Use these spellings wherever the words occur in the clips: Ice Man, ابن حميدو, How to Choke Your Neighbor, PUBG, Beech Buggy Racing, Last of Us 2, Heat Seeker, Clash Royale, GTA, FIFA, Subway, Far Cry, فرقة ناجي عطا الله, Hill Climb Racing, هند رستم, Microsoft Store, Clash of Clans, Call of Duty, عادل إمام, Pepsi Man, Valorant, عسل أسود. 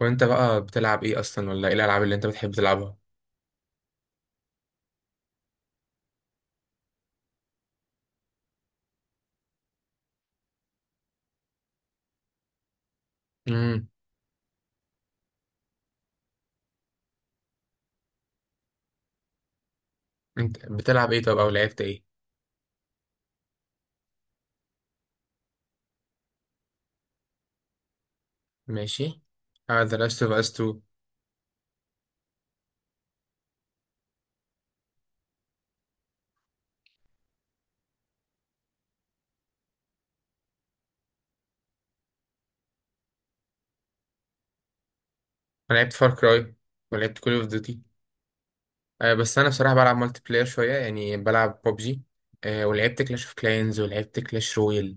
وانت بقى بتلعب ايه اصلا، ولا ايه الالعاب اللي انت بتحب تلعبها؟ امم انت بتلعب ايه طب، او لعبت ايه؟ ماشي. اه، ذا لاست اوف اس 2. انا لعبت فار كراي ولعبت كول اوف ديوتي. آه، بس انا بصراحه بلعب مالتي بلاير شويه، يعني بلعب ببجي. آه، ولعبت كلاش اوف كلاينز ولعبت كلاش رويال.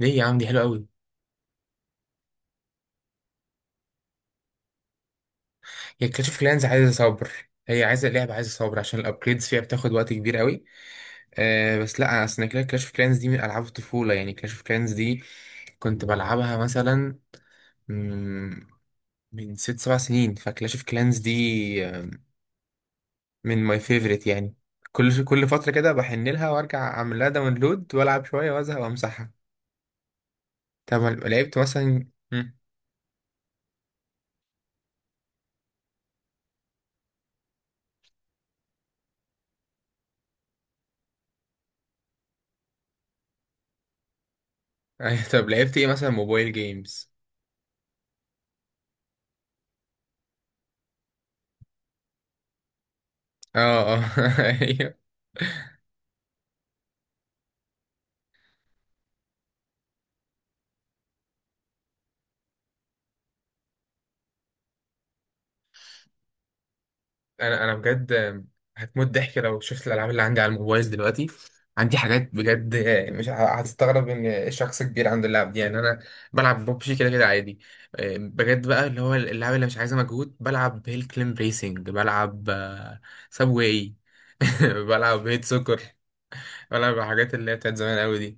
ليه يا عم؟ دي حلوه قوي. هي كلاش اوف كلاينز عايزه صبر. هي عايزه لعبه، عايزه صبر، عشان الابجريدز فيها بتاخد وقت كبير قوي. آه بس لا، اصل كلاش اوف كلاينز دي من العاب الطفوله، يعني كلاش اوف كلاينز دي كنت بلعبها مثلا من 6 7 سنين، فكلاش اوف كلانز دي آه، من ماي فيفورت يعني. كل فترة كده بحن لها وارجع اعمل لها داونلود والعب شوية وازهق وامسحها. طب لعبت مثلا أيوة، طب لعبت ايه مثلا؟ موبايل جيمز؟ اه اه. انا بجد هتموت ضحك لو شفت الالعاب اللي عندي على الموبايل دلوقتي. عندي حاجات بجد. مش ه- هتستغرب ان شخص كبير عنده اللعب دي. يعني انا بلعب ببجي كده كده عادي. بجد بقى، اللي هو اللعب اللي مش عايزه مجهود، بلعب هيل كليم ريسنج، بلعب سابواي. بلعب هيت سكر، بلعب حاجات اللي هي بتاعت زمان قوي دي.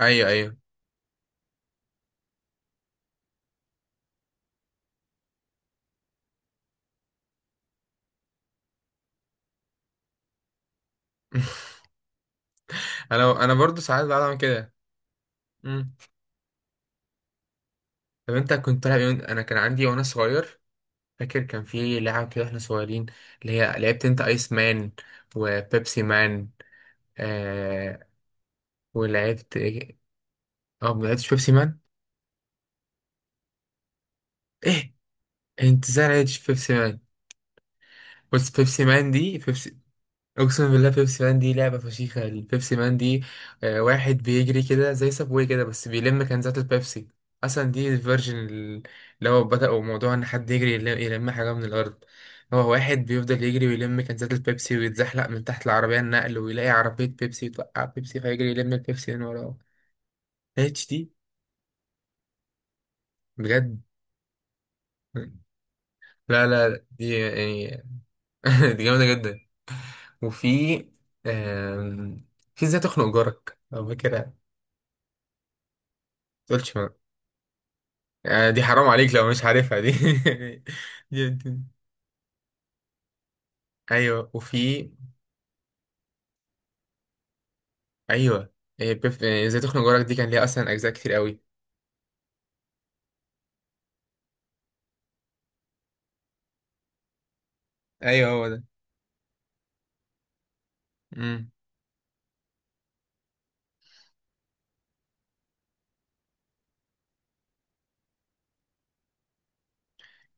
ايوه ايوه. انا برضو ساعات بعمل كده. مم. طب انت كنت تلعب إيه؟ انا كان عندي وانا صغير، فاكر كان في لعب كده احنا صغيرين، اللي هي لعبت انت ايس مان وبيبسي مان؟ آه، ولعبت ايه؟ اه، ما لعبتش بيبسي مان. ايه، انت ازاي لعبتش بيبسي مان؟ بس بيبسي مان دي، اقسم بالله بيبسي مان دي لعبه فشيخه البيبسي مان دي. آه، واحد بيجري كده زي سابوي كده بس بيلم كنزات البيبسي. اصلا دي الفيرجن اللي هو بدأوا موضوع ان حد يجري يلم حاجه من الارض. هو واحد بيفضل يجري ويلم كنزات البيبسي، ويتزحلق من تحت العربيه النقل، ويلاقي عربيه بيبسي توقع بيبسي فيجري يلم البيبسي من وراه. اتش دي. بجد، لا لا، دي يعني دي جامده جدا. وفي آم، في ازاي تخنق جارك، لو فاكرها ما تقولش. آه، دي حرام عليك لو مش عارفها دي. دي. ايوه، وفي ايوه. إيه، ازاي تخنق جارك دي كان ليها اصلا اجزاء كتير قوي. ايوه هو ده. امم.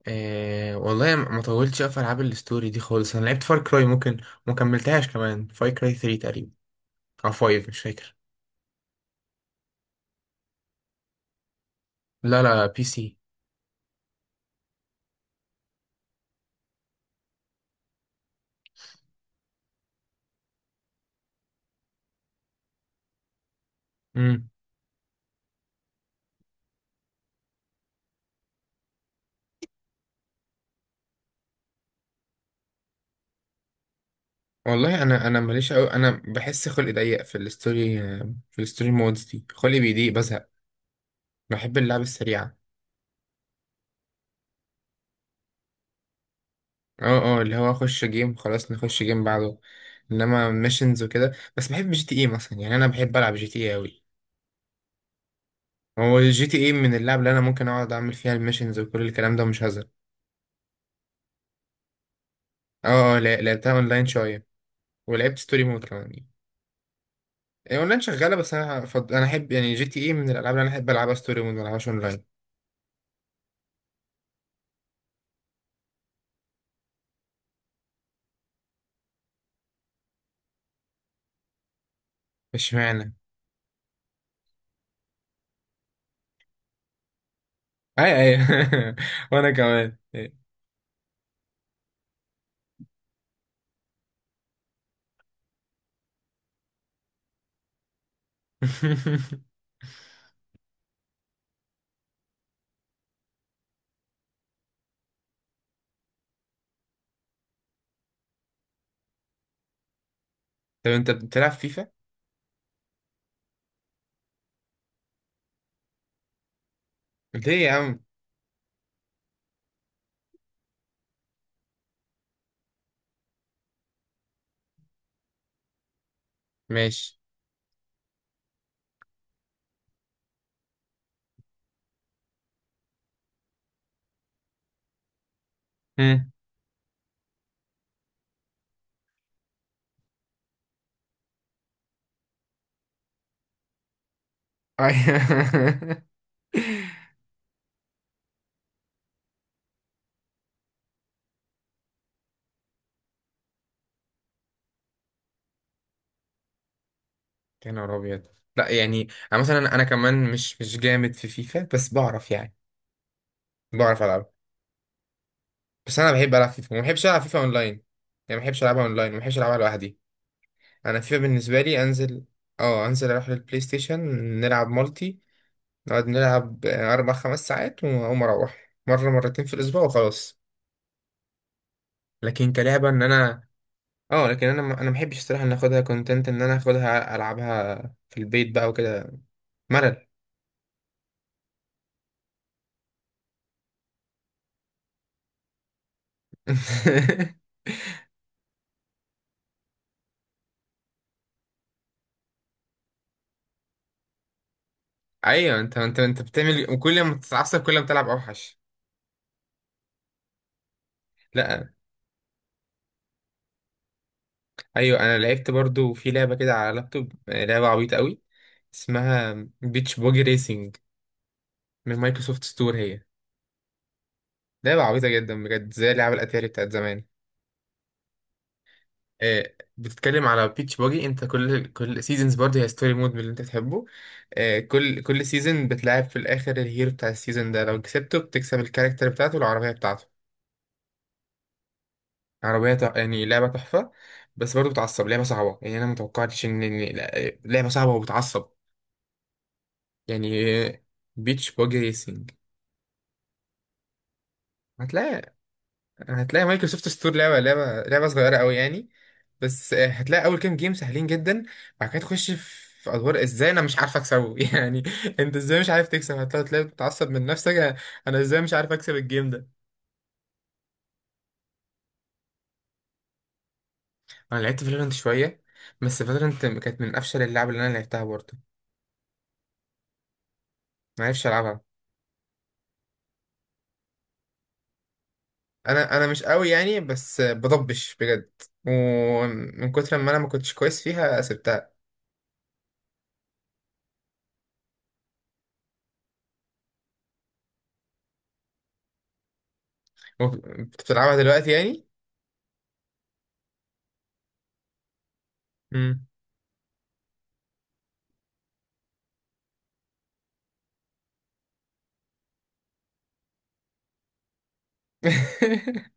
إيه والله، ما طولتش في العاب الستوري دي خالص. انا لعبت فار كراي، ممكن ما كملتهاش كمان، فار كراي 3 تقريبا او 5، مش فاكر. لا لا، بي سي. امم، والله انا ماليش قوي. انا بحس خلقي ضيق في الستوري، في الستوري مودز دي خلقي بيضيق بزهق. بحب اللعب السريعه. اه اه، اللي هو اخش جيم خلاص، نخش جيم بعده. انما ميشنز وكده، بس بحب جي تي اي مثلا، يعني انا بحب العب جي تي اي اوي. هو الجي تي اي من اللعب اللي انا ممكن اقعد اعمل فيها الميشنز وكل الكلام ده ومش هزهق. اه اه، لعبتها اونلاين شويه ولعبت ستوري مود كمان يعني. اونلاين شغاله، بس انا انا احب يعني جي تي اي من الالعاب اللي انا احب العبها ستوري مود، ما العبهاش اونلاين. مش معنى. اي اي. وانا كمان. طب انت بتلعب فيفا؟ ليه يا عم؟ ماشي. مم. أي. يا نهار ابيض. لا يعني انا مثلا انا كمان مش جامد في فيفا، بس بعرف يعني، بعرف العب. بس انا بحب العب فيفا وما بحبش العب فيفا اونلاين. يعني ما بحبش العبها اونلاين، ما بحبش العبها لوحدي. انا فيفا بالنسبه لي انزل، اه انزل اروح للبلاي ستيشن، نلعب مالتي، نقعد نلعب آه، 4 5 ساعات، واقوم اروح مره مرتين في الاسبوع وخلاص. لكن كلعبه ان انا، اه لكن انا انا ما بحبش الصراحه ان اخدها كونتنت، ان انا اخدها العبها في البيت بقى وكده. ملل. ايوه، انت بتعمل، وكل ما تتعصب كل ما تلعب اوحش. لا، ايوه، انا لعبت برضو في لعبه كده على لابتوب، آه، لعبه عبيطه قوي، اسمها بيتش بوجي ريسنج، من مايكروسوفت ستور هي. لعبه عبيطه جدا بجد، زي لعبه الاتاري بتاعت زمان. آه، بتتكلم على بيتش بوجي، انت كل سيزونز برضو، هي ستوري مود من اللي انت تحبه. آه، كل سيزون بتلعب في الاخر الهيرو بتاع السيزون ده، لو كسبته بتكسب الكاركتر بتاعته والعربيه بتاعته. يعني لعبة تحفة. بس برضه بتعصب، لعبة صعبة، يعني أنا متوقعتش إن إن لا- لعبة صعبة وبتعصب يعني. بيتش باجي ريسنج. هتلاقي هتلاقي مايكروسوفت ستور، لعبة صغيرة أوي يعني. بس هتلاقي أول كام جيم سهلين جدا، بعد كده تخش في أدوار إزاي أنا مش عارف أكسبه. يعني أنت إزاي مش عارف تكسب؟ هتلاقي تلاقي بتتعصب من نفسك. أنا إزاي مش عارف أكسب الجيم ده؟ أنا لعبت فالورانت شوية، بس فالورانت كانت من أفشل اللعب اللي أنا لعبتها برضه. معرفش ألعبها. انا مش قوي يعني، بس بضبش بجد. ومن كتر ما انا ما كنتش كويس فيها سبتها. بتلعبها دلوقتي يعني. مم.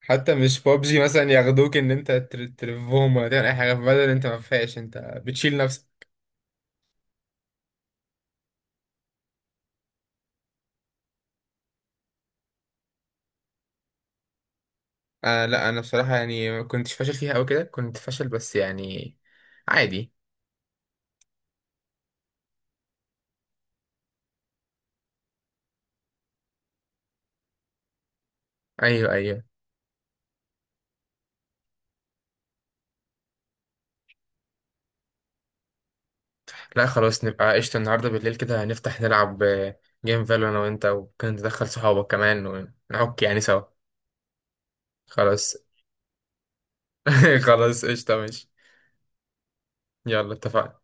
حتى مش بابجي مثلا ياخدوك ان انت تلفهم ولا تعمل اي حاجه، في بدل انت ما فيهاش انت، بتشيل نفسك. آه لا، انا بصراحه يعني ما كنتش فاشل فيها او كده، كنت فاشل بس يعني عادي. ايوه ايوه. لا خلاص، نبقى قشطه النهارده بالليل كده نفتح نلعب آه، جيم فالو، انا وانت، وممكن تدخل صحابك كمان ونعك يعني سوا. خلاص. خلاص قشطة، ماشي. يلا اتفقنا.